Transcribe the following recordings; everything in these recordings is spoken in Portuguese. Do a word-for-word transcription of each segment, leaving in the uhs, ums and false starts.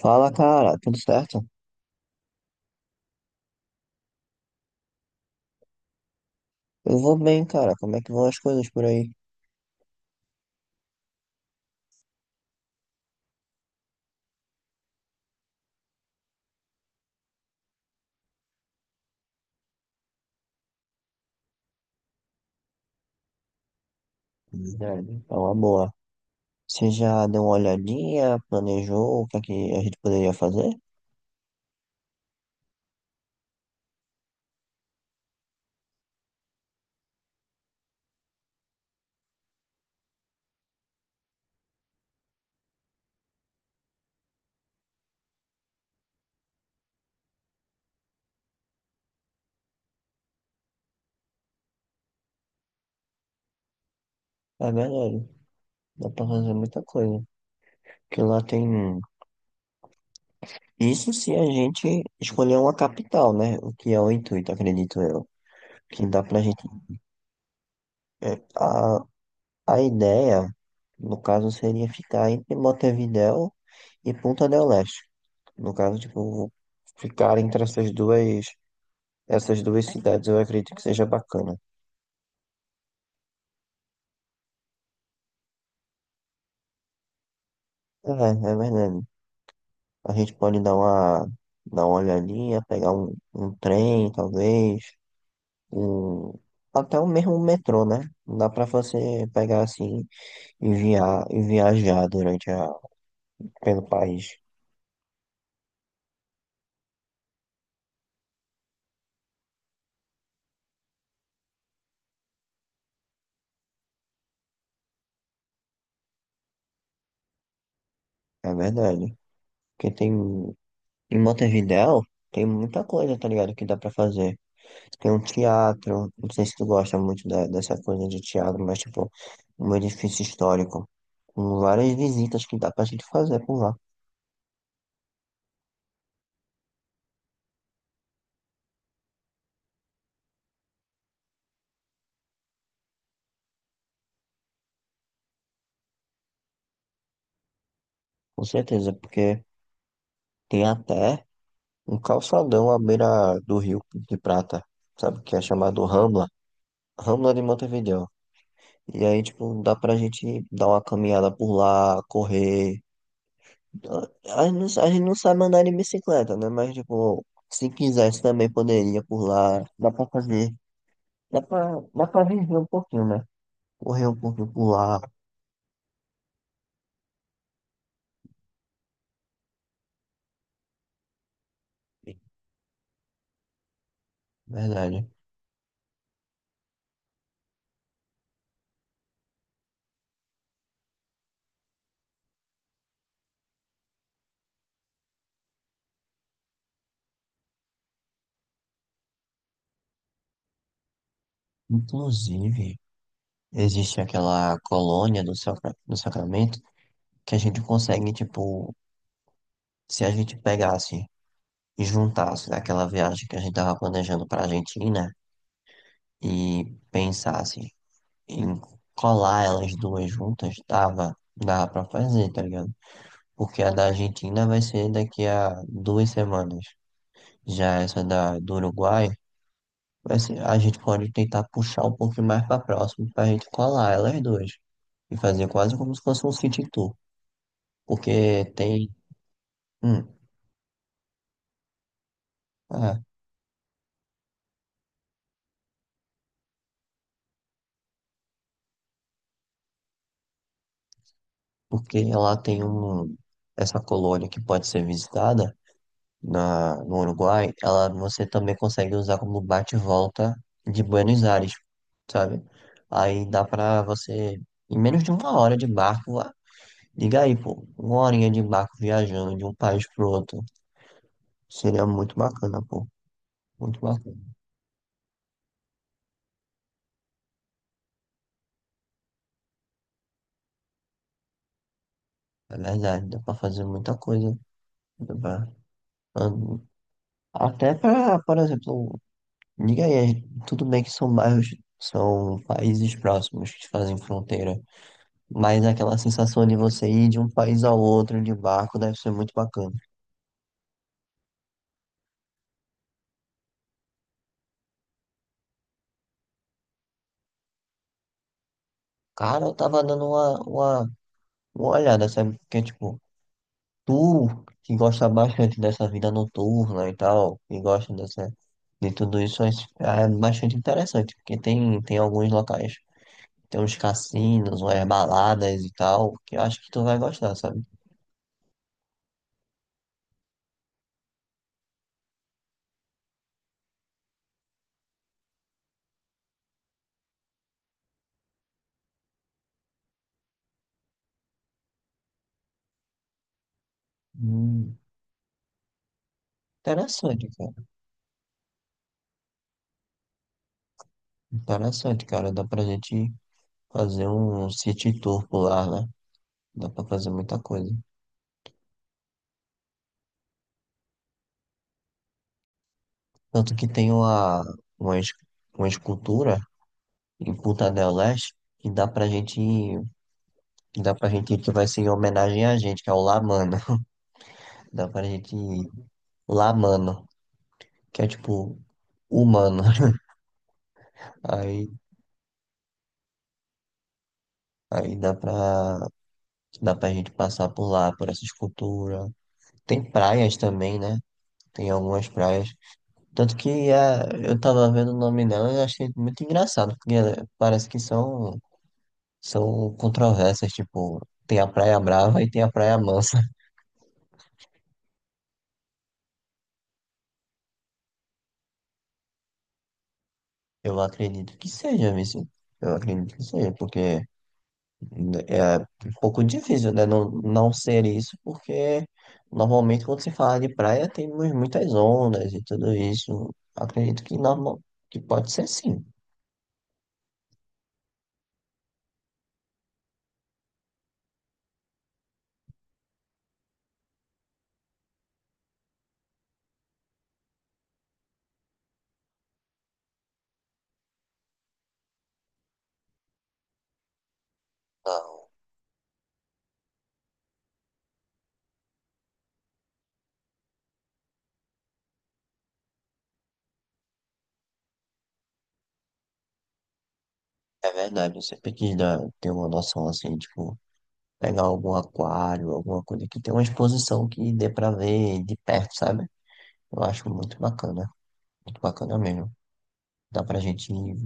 Fala, cara, tudo certo? Eu vou bem, cara. Como é que vão as coisas por aí? Verdade. É uma boa. Você já deu uma olhadinha, planejou o que é que a gente poderia fazer? É verdade. Dá pra fazer muita coisa. Porque lá tem. Isso se a gente escolher uma capital, né? O que é o intuito, acredito eu. Que dá pra gente. é, A, a ideia, no caso, seria ficar entre Montevidéu e Punta del Este. No caso, tipo, ficar entre essas duas, essas duas cidades, eu acredito que seja bacana. É, é verdade. A gente pode dar uma, dar uma olhadinha, pegar um, um trem, talvez, um, até o mesmo metrô, né? Dá pra você pegar assim. e via- e viajar durante a, pelo país. É verdade. Porque tem, em Montevidéu, tem muita coisa, tá ligado? Que dá pra fazer. Tem um teatro, não sei se tu gosta muito da- dessa coisa de teatro, mas tipo, um edifício histórico. Com várias visitas que dá pra gente fazer por lá. Com certeza. Porque tem até um calçadão à beira do Rio de Prata, sabe? Que é chamado Rambla. Rambla de Montevidéu. E aí, tipo, dá pra gente dar uma caminhada por lá, correr. A gente não, a gente não sabe andar de bicicleta, né? Mas, tipo, se quisesse também poderia por lá. Dá pra fazer. Dá pra, dá pra viver um pouquinho, né? Correr um pouquinho por lá. Verdade. Inclusive, existe aquela colônia do, sacra, do Sacramento que a gente consegue, tipo, se a gente pegasse e juntasse aquela viagem que a gente tava planejando pra Argentina e pensasse. E colar elas duas juntas, dava, dava pra fazer, tá ligado? Porque a da Argentina vai ser daqui a duas semanas. Já essa da do Uruguai, vai ser, a gente pode tentar puxar um pouquinho mais pra próximo pra gente colar elas duas. E fazer quase como se fosse um city tour. Porque tem. Hum, é, porque ela tem um, essa colônia que pode ser visitada. na, no Uruguai, ela você também consegue usar como bate-volta de Buenos Aires, sabe? Aí dá pra você, em menos de uma hora de barco, lá- liga aí, pô, uma horinha de barco viajando de um país pro outro. Seria muito bacana, pô. Muito bacana. É verdade, dá pra fazer muita coisa. Dá pra- an- Até pra, por exemplo, liga aí, tudo bem que são bairros, são países próximos que fazem fronteira. Mas aquela sensação de você ir de um país ao outro de barco deve ser muito bacana. Cara, eu tava dando uma, uma, uma olhada, sabe? Porque, tipo, tu que gosta bastante dessa vida noturna e tal, e gosta dessa, de tudo isso, é, é bastante interessante. Porque tem, tem alguns locais, tem uns cassinos, umas baladas e tal, que eu acho que tu vai gostar, sabe? Hum, Interessante, cara. Interessante, cara. Dá pra gente fazer um city tour por lá, né? Dá pra fazer muita coisa. Tanto que tem uma, uma, es- uma escultura em Punta del Este que dá pra gente, que dá pra gente ir, que vai ser em homenagem a gente, que é o La Mano. Dá pra gente ir La Mano, que é tipo humano. Aí, aí dá pra, dá pra gente passar por lá, por essa escultura. Tem praias também, né? Tem algumas praias. Tanto que é, eu tava vendo o nome dela e achei muito engraçado, porque ela- parece que são São controvérsias, tipo, tem a Praia Brava e tem a Praia Mansa. Eu acredito que seja, Vici. Eu acredito que seja, porque é um pouco difícil, né? Não, não ser isso, porque normalmente quando se fala de praia tem mu- muitas ondas e tudo isso. Acredito que, normal, que pode ser sim. Não, é verdade. Eu sempre quis dar, ter uma noção assim, tipo, pegar algum aquário, alguma coisa que tenha uma exposição que dê pra ver de perto, sabe? Eu acho muito bacana. Muito bacana mesmo. Dá pra gente ir.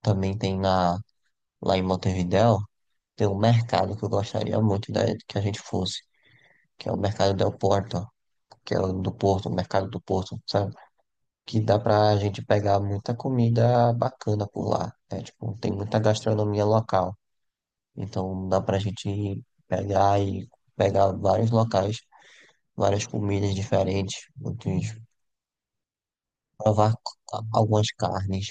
Também tem na, lá em Montevidéu, tem um mercado que eu gostaria muito da, que a gente fosse, que é o Mercado del Porto, que é o do Porto, o Mercado do Porto, sabe? Que dá pra gente pegar muita comida bacana por lá. É, tipo, tem muita gastronomia local. Então dá pra gente ir pegar e pegar vários locais, várias comidas diferentes, muitos, provar c- algumas carnes.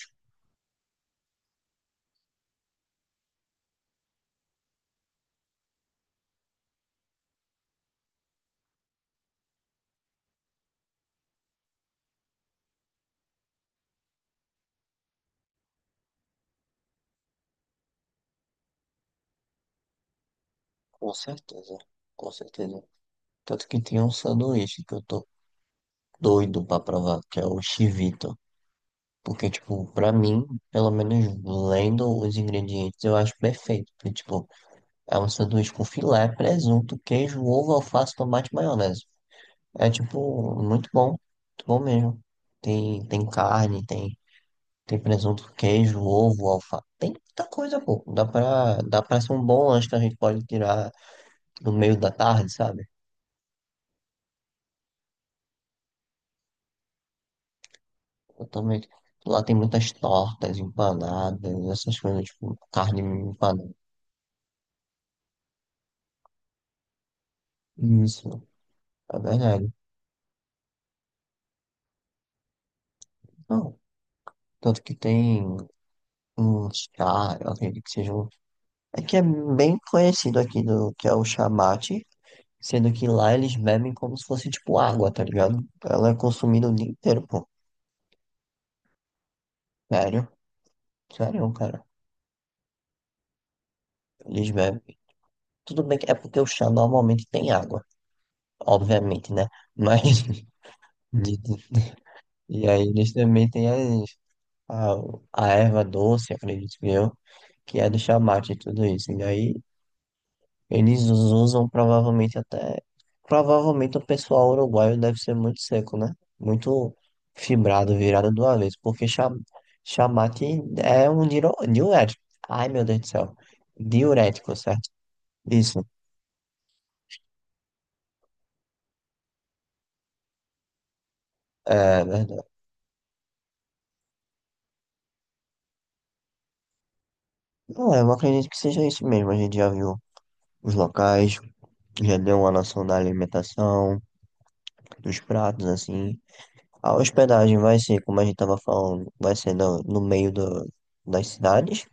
Com certeza, com certeza. Tanto que tem um sanduíche que eu tô doido pra provar, que é o chivito. Porque, tipo, pra mim, pelo menos lendo os ingredientes, eu acho perfeito. Porque, tipo, é um sanduíche com filé, presunto, queijo, ovo, alface, tomate e maionese. É, tipo, muito bom. Muito bom mesmo. Tem, tem carne, tem, tem presunto, queijo, ovo, alface. Tem muita coisa, pô. Dá pra, dá pra ser um bom lanche que a gente pode tirar no meio da tarde, sabe? Exatamente. Lá tem muitas tortas, empanadas, essas coisas, tipo, carne empanada. Isso, é verdade. Não, tanto que tem um chá, eu acredito que seja um... É que é bem conhecido aqui, do, que é o chamate, sendo que lá eles bebem como se fosse, tipo, água, tá ligado? Ela é consumida o dia inteiro, pô. Sério, sério, cara. Eles bebem. Tudo bem que é porque o chá normalmente tem água, obviamente, né? Mas... de- de- E aí eles também têm as... a, a erva doce, acredito que eu, que é do chamate e tudo isso. E daí eles usam provavelmente até. Provavelmente o pessoal uruguaio deve ser muito seco, né? Muito fibrado, virado do avesso, porque cha- chamate é um diro- diurético. Ai, meu Deus do céu. Diurético, certo? Isso. É verdade. Não, eu acredito que seja isso mesmo. A gente já viu os locais, já deu uma noção da alimentação, dos pratos, assim. A hospedagem vai ser, como a gente estava falando, vai ser no, no meio do, das cidades,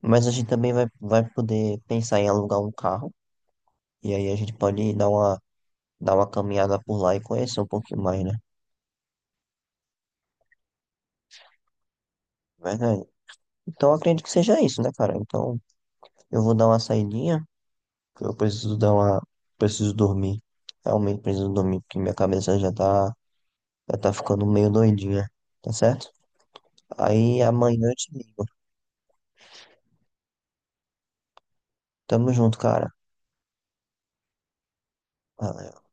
mas a gente também vai, vai poder pensar em alugar um carro, e aí a gente pode dar uma, dar uma caminhada por lá e conhecer um pouquinho mais, né? Verdade. Então eu acredito que seja isso, né, cara? Então eu vou dar uma saidinha, que eu preciso dar uma. Preciso dormir. Realmente preciso dormir, porque minha cabeça já tá, já tá ficando meio doidinha, tá certo? Aí amanhã eu te ligo. Tamo junto, cara. Valeu.